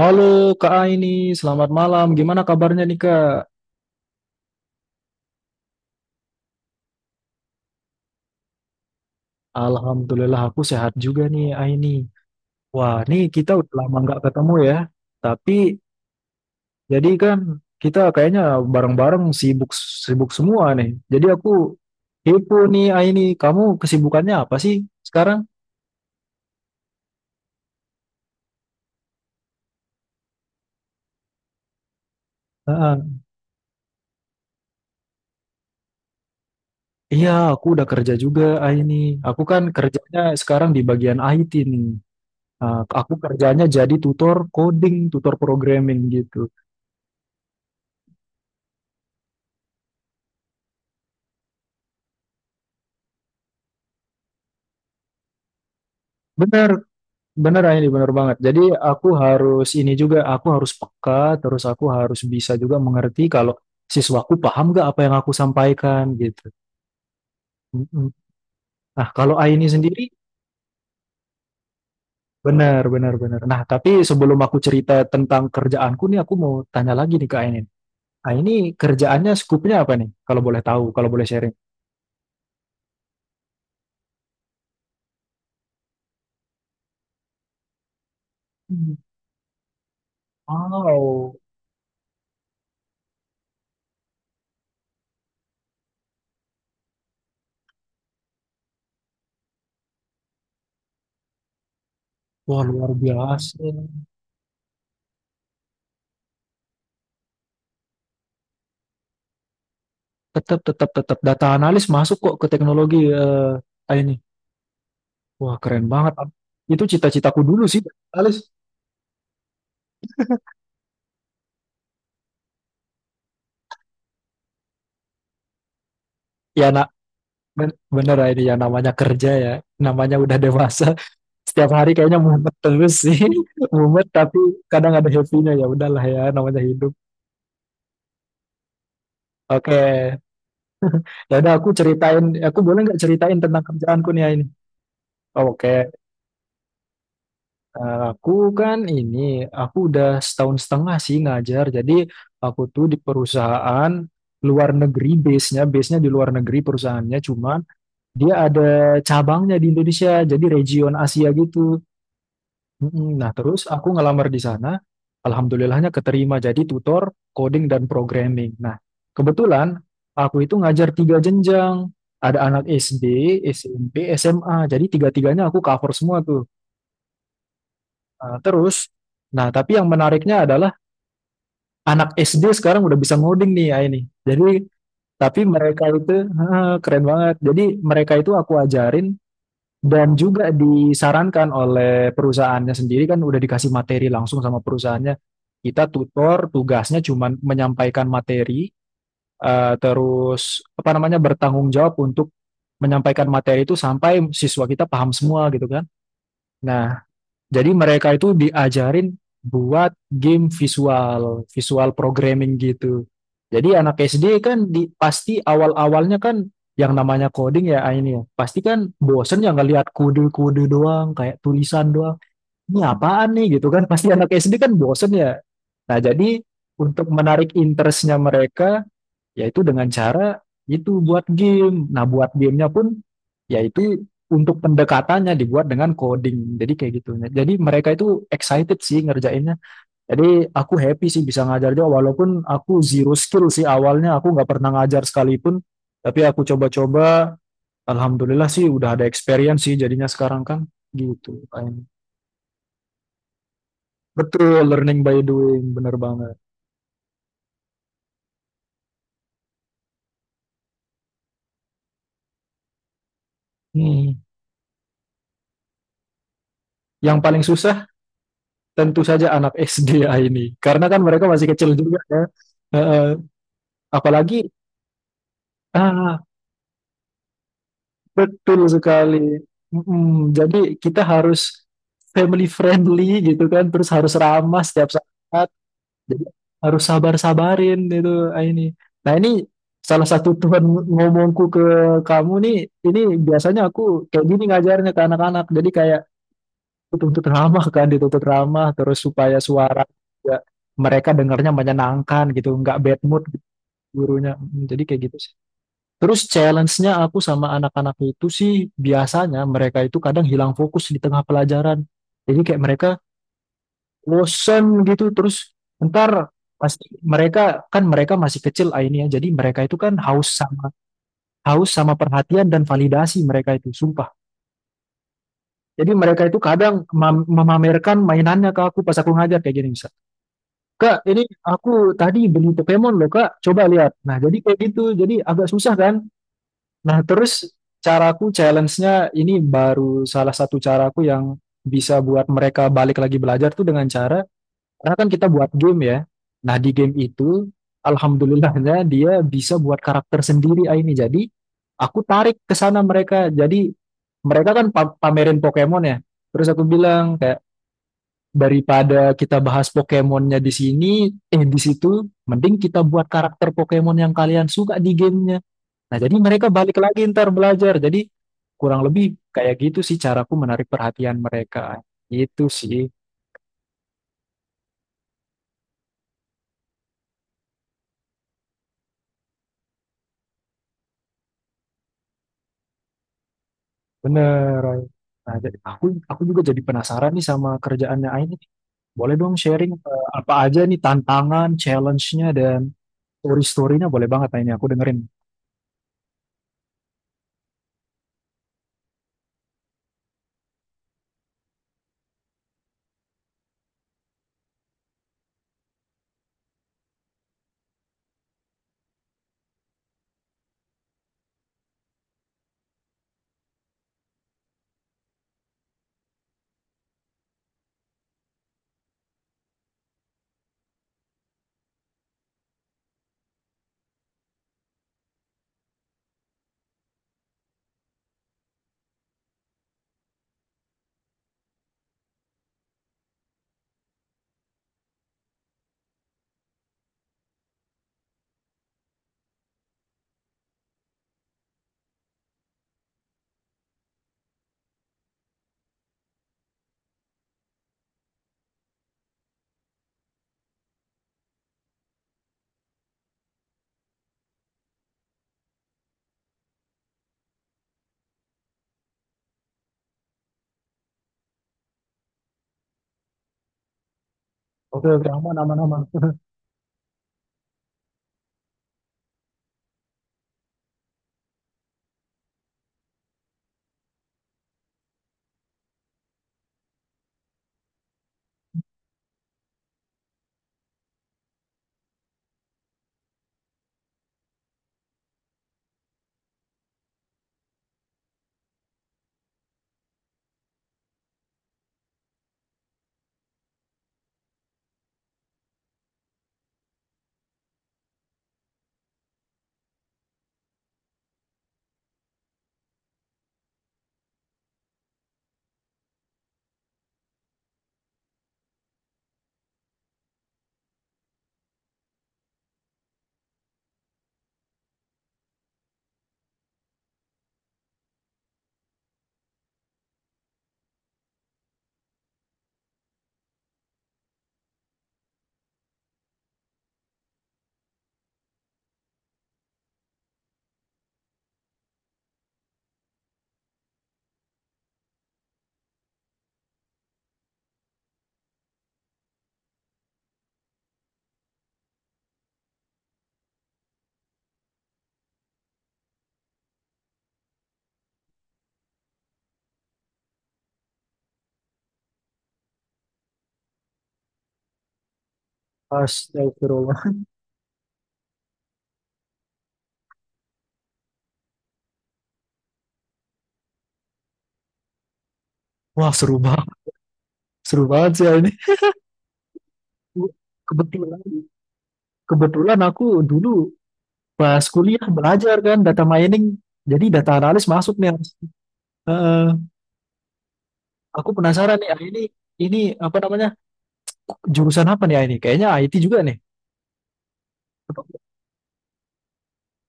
Halo Kak Aini, selamat malam. Gimana kabarnya nih Kak? Alhamdulillah aku sehat juga nih Aini. Wah, nih kita udah lama nggak ketemu ya. Tapi jadi kan kita kayaknya bareng-bareng sibuk sibuk semua nih. Jadi aku kepo nih Aini, kamu kesibukannya apa sih sekarang? Heeh. Iya, aku udah kerja juga Aini. Aku kan kerjanya sekarang di bagian IT nih. Nah, aku kerjanya jadi tutor coding, tutor programming gitu. Benar, Bener ini bener banget. Jadi aku harus ini juga, aku harus peka, terus aku harus bisa juga mengerti kalau siswaku paham gak apa yang aku sampaikan gitu. Mm-mm. Nah kalau Aini sendiri, bener bener bener. Nah tapi sebelum aku cerita tentang kerjaanku nih, aku mau tanya lagi nih ke Aini. Aini kerjaannya skupnya apa nih? Kalau boleh tahu, kalau boleh sharing. Hmm. Wow, wah luar biasa. Tetap tetap tetap data analis masuk kok ke teknologi eh Aini. Wah, keren banget. Am. Itu cita-citaku dulu sih, Alis. Ya, nak, bener ya ini ya namanya kerja ya. Namanya udah dewasa. Setiap hari kayaknya mumet terus sih. Mumet tapi kadang ada happy-nya ya. Udahlah ya, namanya hidup. Oke. Ya, aku boleh nggak ceritain tentang kerjaanku nih ya ini? Oh, Oke. Aku kan ini, aku udah setahun setengah sih ngajar. Jadi aku tuh di perusahaan luar negeri base-nya, base-nya di luar negeri perusahaannya. Cuma Dia ada cabangnya di Indonesia, jadi region Asia gitu. Mm-mm. Nah, terus aku ngelamar di sana, alhamdulillahnya keterima jadi tutor coding dan programming. Nah, kebetulan aku itu ngajar tiga jenjang. Ada anak SD, SMP, SMA. Jadi tiga-tiganya aku cover semua tuh. Nah, terus, nah tapi yang menariknya adalah anak SD sekarang udah bisa ngoding nih ya ini. Jadi, tapi mereka itu, keren banget. Jadi mereka itu aku ajarin Dan juga disarankan oleh perusahaannya sendiri kan udah dikasih materi langsung sama perusahaannya. Kita tutor, tugasnya cuma menyampaikan materi, terus apa namanya bertanggung jawab untuk menyampaikan materi itu sampai siswa kita paham semua gitu kan. Nah, jadi mereka itu diajarin buat game visual, visual programming gitu. Jadi anak SD kan di, pasti awal-awalnya kan yang namanya coding ya ini ya. Pasti kan bosen ya ngelihat kode-kode doang, kayak tulisan doang. Ini apaan nih gitu kan. Pasti anak SD kan bosen ya. Nah jadi untuk menarik interestnya mereka, yaitu dengan cara itu buat game. Nah, buat gamenya pun yaitu untuk pendekatannya dibuat dengan coding. Jadi kayak gitu. Jadi mereka itu excited sih ngerjainnya. Jadi aku happy sih bisa ngajar Jawa walaupun aku zero skill sih awalnya aku nggak pernah ngajar sekalipun. Tapi aku coba-coba, alhamdulillah sih udah ada experience sih jadinya sekarang kan gitu. Betul, learning by doing, bener banget. Hmm. Yang paling susah tentu saja anak SD ya ini. Karena kan mereka masih kecil juga ya. Heeh. apalagi ah betul sekali. Jadi kita harus family friendly gitu kan, terus harus ramah setiap saat. Jadi harus sabar-sabarin itu ini. Nah, ini salah satu Tuhan ngomongku ke kamu nih, ini biasanya aku kayak gini ngajarnya ke anak-anak. Jadi kayak tuntut ramah kan dituntut ramah terus supaya suara juga mereka dengarnya menyenangkan gitu nggak bad mood gitu gurunya jadi kayak gitu sih terus challenge-nya aku sama anak-anak itu sih biasanya mereka itu kadang hilang fokus di tengah pelajaran jadi kayak mereka bosen gitu terus ntar pasti mereka kan mereka masih kecil ini ya jadi mereka itu kan haus sama perhatian dan validasi mereka itu sumpah jadi mereka itu kadang memamerkan mainannya ke aku pas aku ngajar kayak gini misalnya Kak, ini aku tadi beli Pokemon loh, Kak. Coba lihat. Nah, jadi kayak gitu. Jadi agak susah kan? Nah, terus caraku challenge-nya ini baru salah satu caraku yang bisa buat mereka balik lagi belajar tuh dengan cara, karena kan kita buat game ya. Nah, di game itu, alhamdulillahnya dia bisa buat karakter sendiri ini. Jadi, aku tarik ke sana mereka. Jadi, mereka kan pamerin Pokemon ya. Terus aku bilang, daripada kita bahas Pokemonnya di sini, di situ, mending kita buat karakter Pokemon yang kalian suka di gamenya. Nah, jadi mereka balik lagi ntar belajar. Jadi kurang lebih kayak gitu sih caraku menarik perhatian mereka. Itu sih, bener. Ain. Nah, jadi aku juga jadi penasaran nih sama kerjaannya Ain. Ini. Boleh dong sharing apa aja nih tantangan, challenge-nya dan story-story-nya boleh banget Ain, ini aku dengerin. Oke, oke, aman, aman, aman. Astagfirullah. Wah, seru banget. Seru banget sih Ain. Ke- Kebetulan, kebetulan aku dulu pas kuliah belajar kan data mining. Jadi data analis masuk nih. Ars. Heeh. aku penasaran nih, ini apa namanya jurusan apa nih ini? Kayaknya IT juga nih.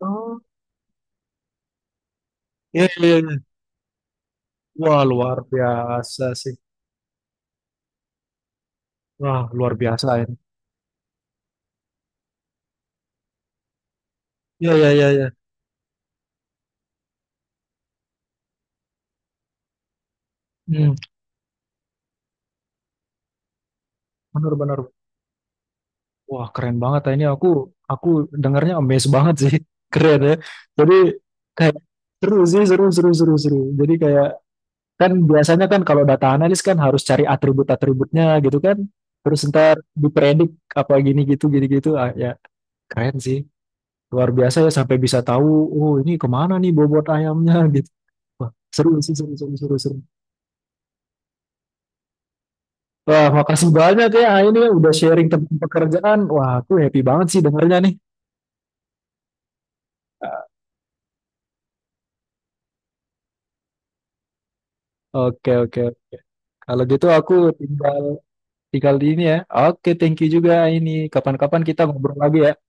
Oh, iya iya iya. Wah luar biasa sih. Wah luar biasa ini. Iya iya iya. iya. Hmm, benar-benar. Wah keren banget ini. Aku dengarnya amazed banget sih. Keren ya. Jadi kayak seru sih seru seru seru seru. Jadi Kan biasanya kan kalau data analis kan harus cari atribut-atributnya gitu kan. Terus ntar dipredik apa gini gitu gini gitu. Ah, ya keren sih. Luar biasa ya sampai bisa tahu oh ini kemana nih bobot ayamnya gitu. Wah, seru sih seru seru seru seru. Wah, makasih banyak ya ini udah sharing tentang pekerjaan. Wah, aku happy banget sih dengernya nih. Oke oke. Kalau gitu aku tinggal tinggal di ini ya. Oke, thank you juga ini. Kapan-kapan kita ngobrol lagi ya.